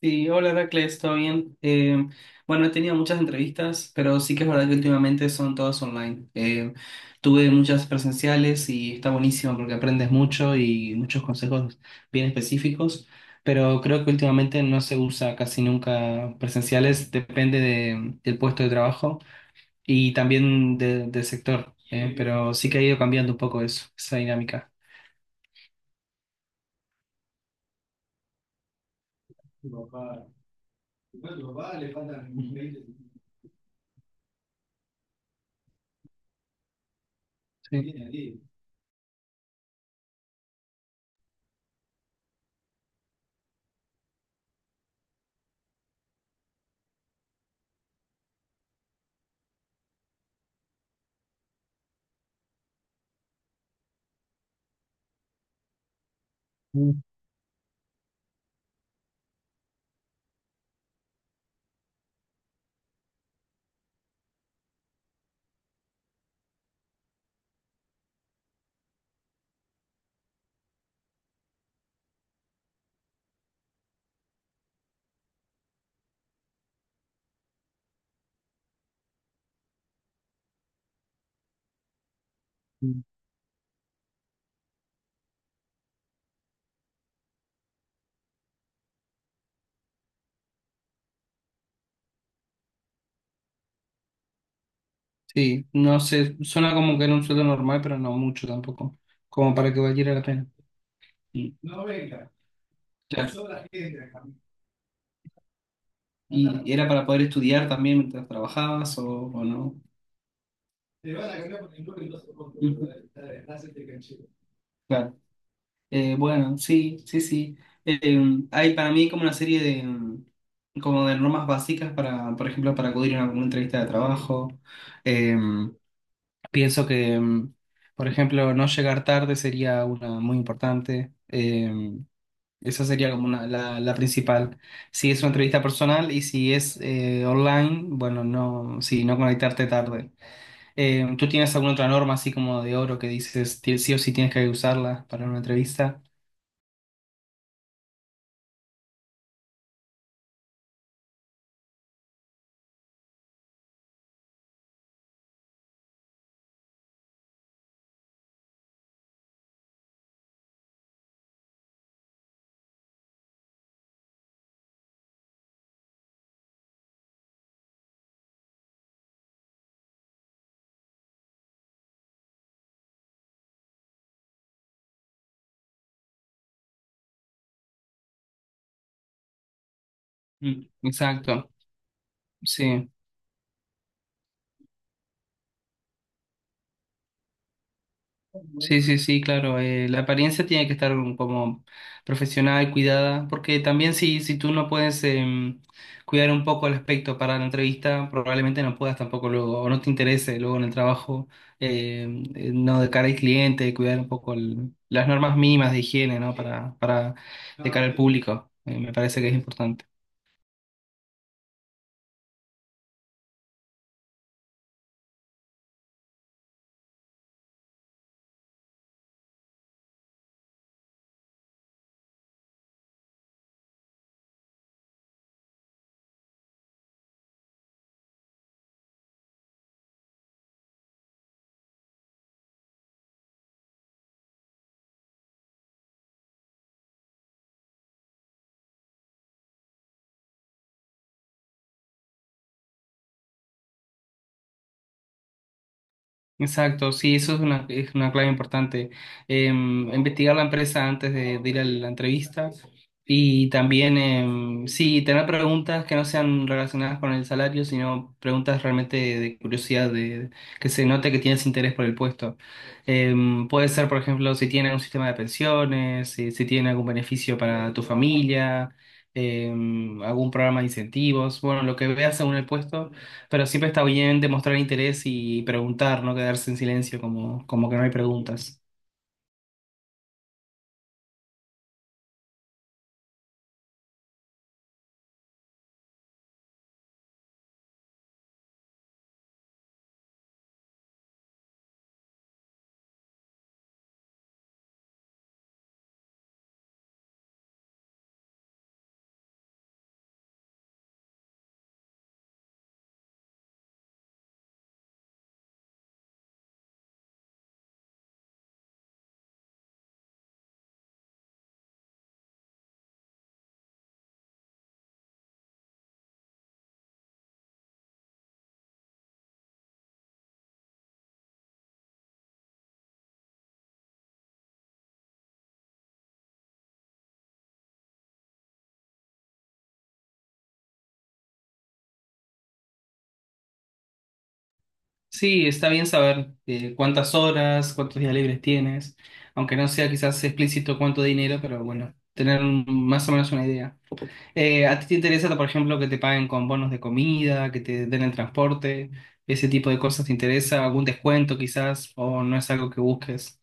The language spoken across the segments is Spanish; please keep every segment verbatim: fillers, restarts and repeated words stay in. Sí, hola Heracles, ¿todo bien? Eh, bueno, he tenido muchas entrevistas, pero sí que es verdad que últimamente son todas online. Eh, tuve muchas presenciales y está buenísimo porque aprendes mucho y muchos consejos bien específicos, pero creo que últimamente no se usa casi nunca presenciales, depende de- del puesto de trabajo y también de- del sector, eh, pero sí que ha ido cambiando un poco eso, esa dinámica. Sí. Sí, no sé, suena como que era un sueldo normal, pero no mucho tampoco, como para que valiera la pena. Y, claro. ¿Y era para poder estudiar también mientras trabajabas o, o no? Ujú. Claro. Eh, bueno, sí, sí, sí. Eh, Hay para mí como una serie de, mm, como de normas básicas para, por ejemplo, para acudir a una, una entrevista de trabajo. Em, Pienso que, mm, por ejemplo, no llegar tarde sería una muy importante. Eh, esa sería como una- la, la principal. Si es una entrevista personal y si es eh, online, bueno, no, sí, no conectarte tarde. Eh, ¿tú tienes alguna otra norma así como de oro que dices ti- sí o sí tienes que usarla para una entrevista? Mm, Exacto, sí. Sí, sí, sí, claro. Eh, la apariencia tiene que estar como profesional, cuidada, porque también si, si tú no puedes em, cuidar un poco el aspecto para la entrevista, probablemente no puedas tampoco luego, o no te interese luego en el trabajo, em, eh, no de cara al cliente, cuidar un poco el- las normas mínimas de higiene, ¿no? Para, para de cara al público, eh, me parece que es importante. Exacto, sí, eso es una, es una clave importante. Em, investigar la empresa antes de, de ir a la entrevista y también, em, sí, tener preguntas que no sean relacionadas con el salario, sino preguntas realmente de curiosidad, de, que se note que tienes interés por el puesto. Em, puede ser, por ejemplo, si tiene un sistema de pensiones, si, si tiene algún beneficio para tu familia, em, algún programa de incentivos, bueno, lo que veas según el puesto, pero siempre está bien demostrar interés y preguntar, no quedarse en silencio como, como que no hay preguntas. Sí, está bien saber eh, cuántas horas, cuántos días libres tienes, aunque no sea quizás explícito cuánto dinero, pero bueno, tener un- más o menos una idea. Eh, ¿a ti te interesa, por ejemplo, que te paguen con bonos de comida, que te den el transporte, ese tipo de cosas te interesa, algún descuento quizás, o no es algo que busques?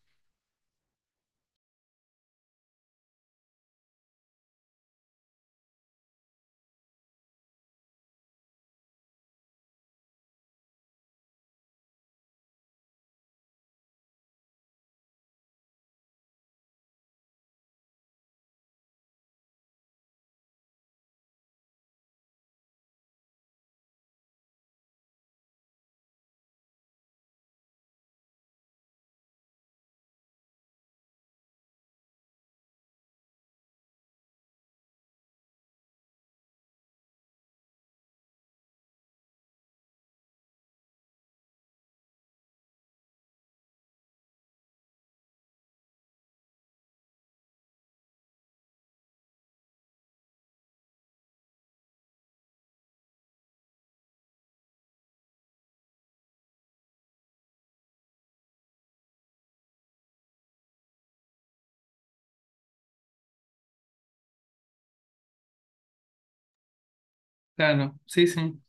Claro, sí, sí.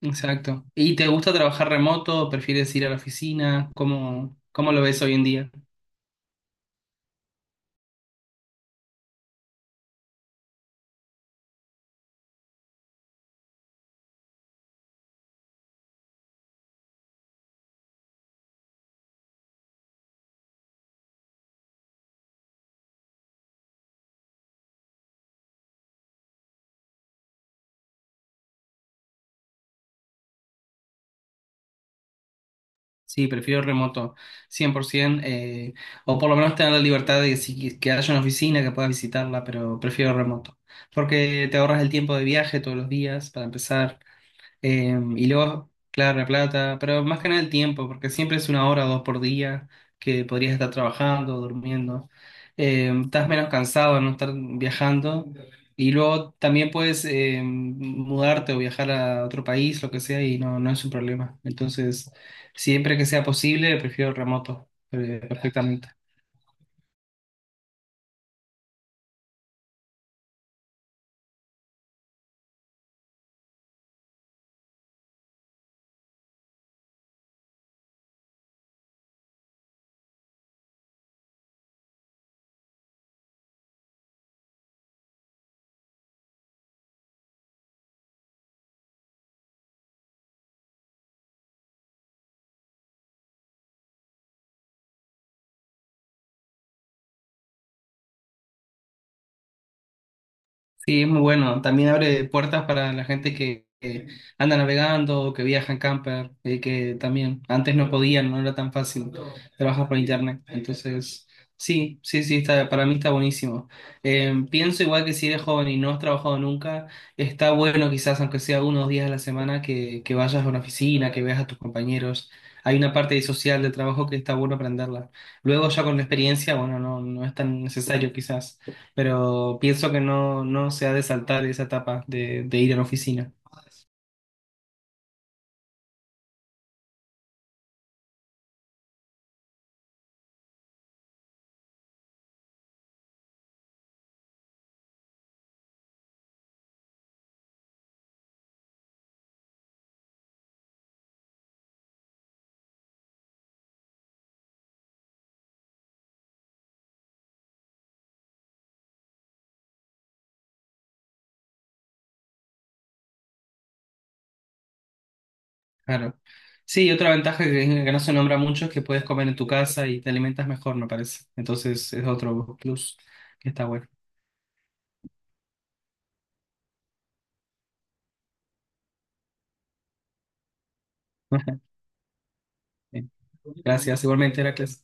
Exacto. ¿Y te gusta trabajar remoto? ¿Prefieres ir a la oficina? ¿Cómo, cómo lo ves hoy en día? Sí, prefiero remoto, cien por ciento, eh, o por lo menos tener la libertad de que, si- que haya una oficina que puedas visitarla, pero prefiero remoto, porque te ahorras el tiempo de viaje todos los días para empezar. Eh, y luego, claro, la plata, pero más que nada el tiempo, porque siempre es una hora o dos por día que podrías estar trabajando, durmiendo. Eh, estás menos cansado de no estar viajando. Y luego también puedes eh, mudarte o viajar a otro país, lo que sea, y no, no es un problema. Entonces, siempre que sea posible, prefiero remoto, eh, perfectamente. Sí, es muy bueno. También abre puertas para la gente que, que anda navegando, que viaja en camper, eh, que también antes no podían, no era tan fácil trabajar por internet. Entonces, sí, sí, sí, está, para mí está buenísimo. Eh, pienso igual que si eres joven y no has trabajado nunca, está bueno quizás, aunque sea unos días a la semana, que, que vayas a una oficina, que veas a tus compañeros. Hay una parte social del trabajo que está bueno aprenderla. Luego ya con la experiencia, bueno, no, no es tan necesario quizás, pero pienso que no, no se ha de saltar esa etapa de, de ir a la oficina. Claro. Sí, otra ventaja que, que no se nombra mucho es que puedes comer en tu casa y te alimentas mejor, me parece. Entonces es otro plus que está bueno. Gracias, igualmente, Heracles.